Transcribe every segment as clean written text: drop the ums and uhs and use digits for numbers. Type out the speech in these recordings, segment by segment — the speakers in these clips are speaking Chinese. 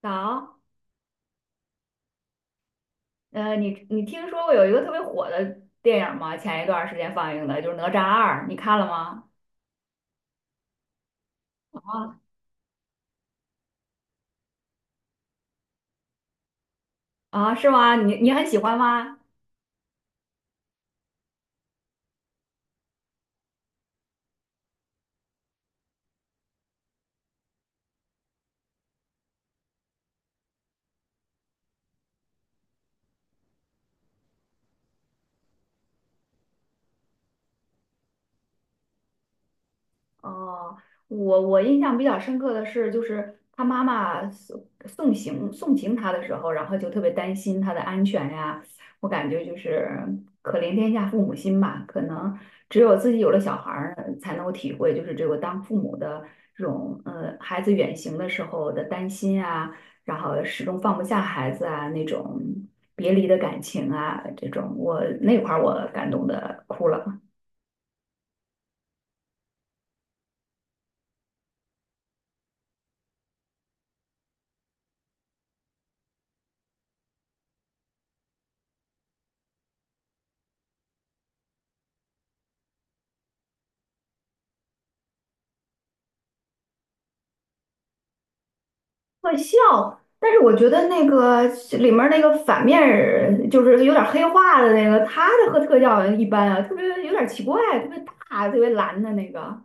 早，你听说过有一个特别火的电影吗？前一段时间放映的，就是《哪吒二》，你看了吗？啊，是吗？你很喜欢吗？哦，我印象比较深刻的是，就是他妈妈送行他的时候，然后就特别担心他的安全呀。我感觉就是可怜天下父母心吧，可能只有自己有了小孩儿才能够体会，就是这个当父母的这种孩子远行的时候的担心啊，然后始终放不下孩子啊那种别离的感情啊，这种我那块儿我感动的哭了。特效，但是我觉得那个里面儿那个反面儿就是有点黑化的那个，他的和特效一般啊，特别有点奇怪，特别大，特别蓝的那个。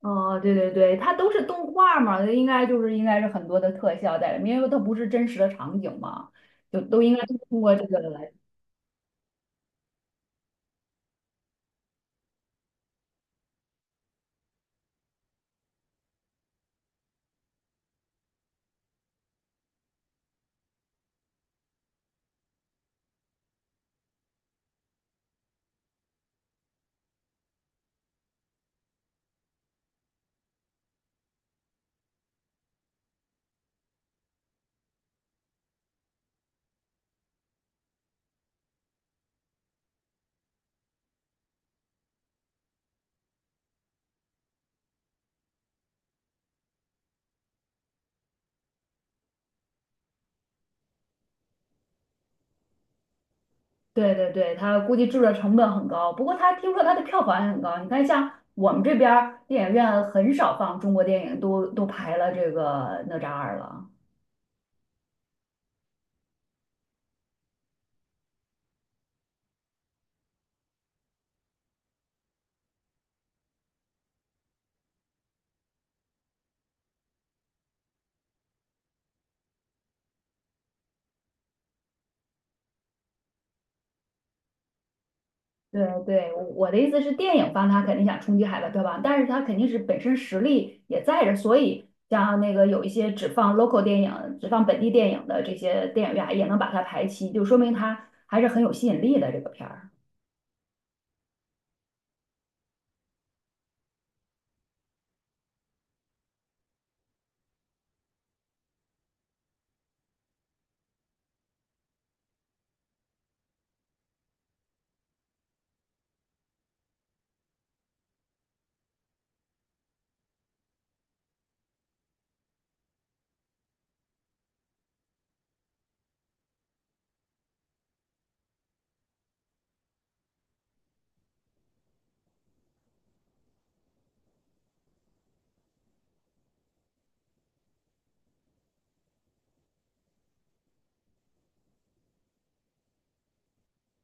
哦，对对对，它都是动画嘛，应该是很多的特效在里面，因为它不是真实的场景嘛，就都应该都通过这个来。对对对，它估计制作成本很高，不过它听说它的票房也很高。你看，像我们这边儿电影院很少放中国电影，都排了这个哪吒二了。对对，我的意思是，电影方他肯定想冲击海外票房，但是他肯定是本身实力也在这儿，所以像那个有一些只放 local 电影、只放本地电影的这些电影院也能把它排期，就说明它还是很有吸引力的这个片儿。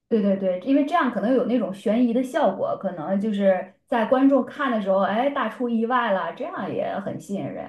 对对对，因为这样可能有那种悬疑的效果，可能就是在观众看的时候，哎，大出意外了，这样也很吸引人。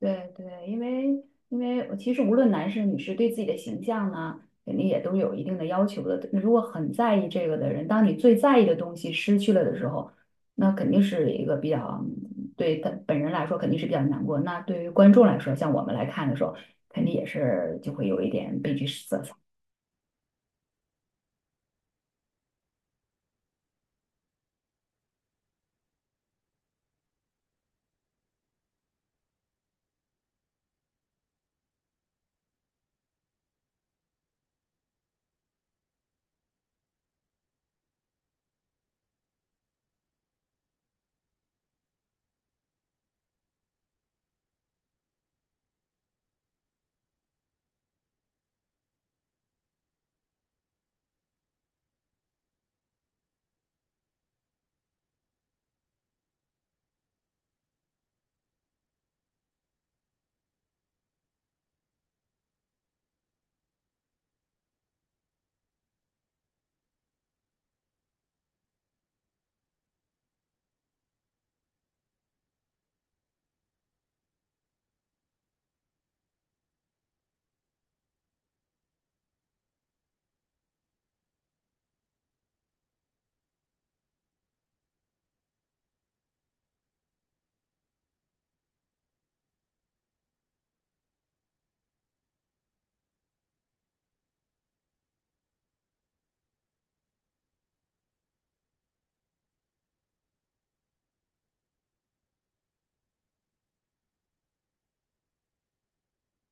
对对，因为我其实无论男士女士对自己的形象呢，肯定也都有一定的要求的。如果很在意这个的人，当你最在意的东西失去了的时候，那肯定是一个比较对他本人来说肯定是比较难过。那对于观众来说，像我们来看的时候，肯定也是就会有一点悲剧色彩。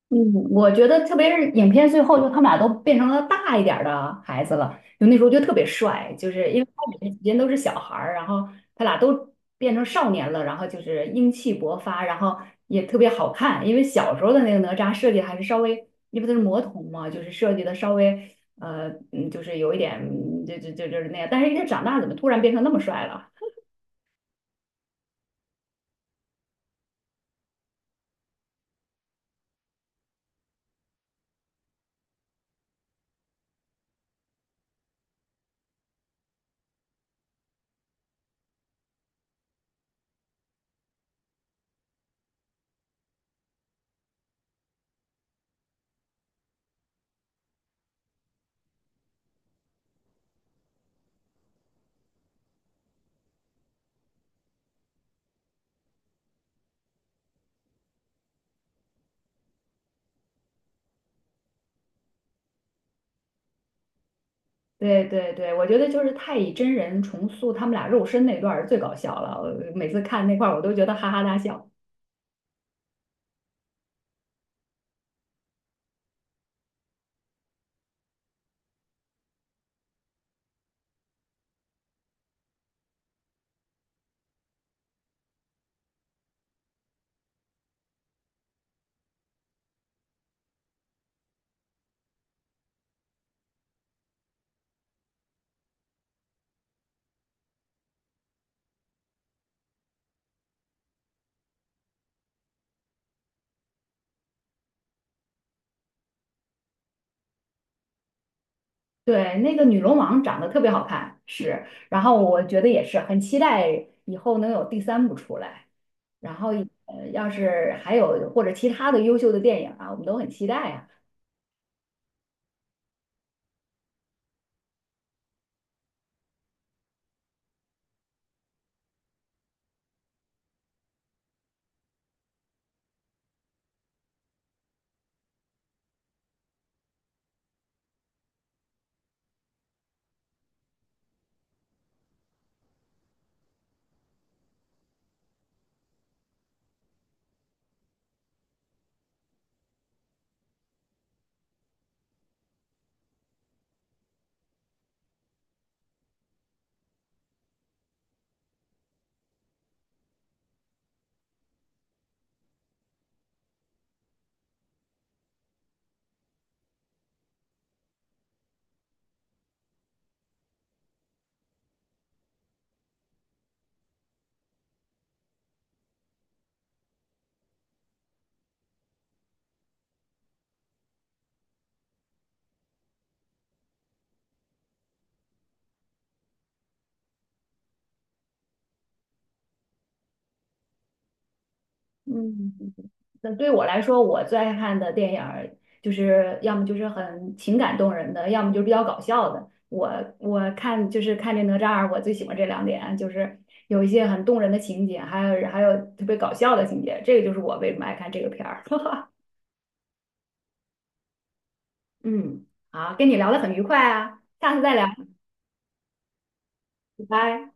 嗯，我觉得特别是影片最后，就他们俩都变成了大一点儿的孩子了，就那时候就特别帅，就是因为他们之间都是小孩儿，然后他俩都变成少年了，然后就是英气勃发，然后也特别好看，因为小时候的那个哪吒设计还是稍微，因为他是魔童嘛，就是设计的稍微就是有一点，就是那样，但是人家长大怎么突然变成那么帅了？对对对，我觉得就是太乙真人重塑他们俩肉身那段儿最搞笑了，我每次看那块儿我都觉得哈哈大笑。对，那个女龙王长得特别好看，是，然后我觉得也是很期待以后能有第三部出来，然后要是还有或者其他的优秀的电影啊，我们都很期待啊。嗯，嗯，那对我来说，我最爱看的电影儿就是要么就是很情感动人的，要么就是比较搞笑的。我看就是看这哪吒二，我最喜欢这两点，就是有一些很动人的情节，还有特别搞笑的情节，这个就是我为什么爱看这个片儿。嗯，好，跟你聊得很愉快啊，下次再聊，拜拜。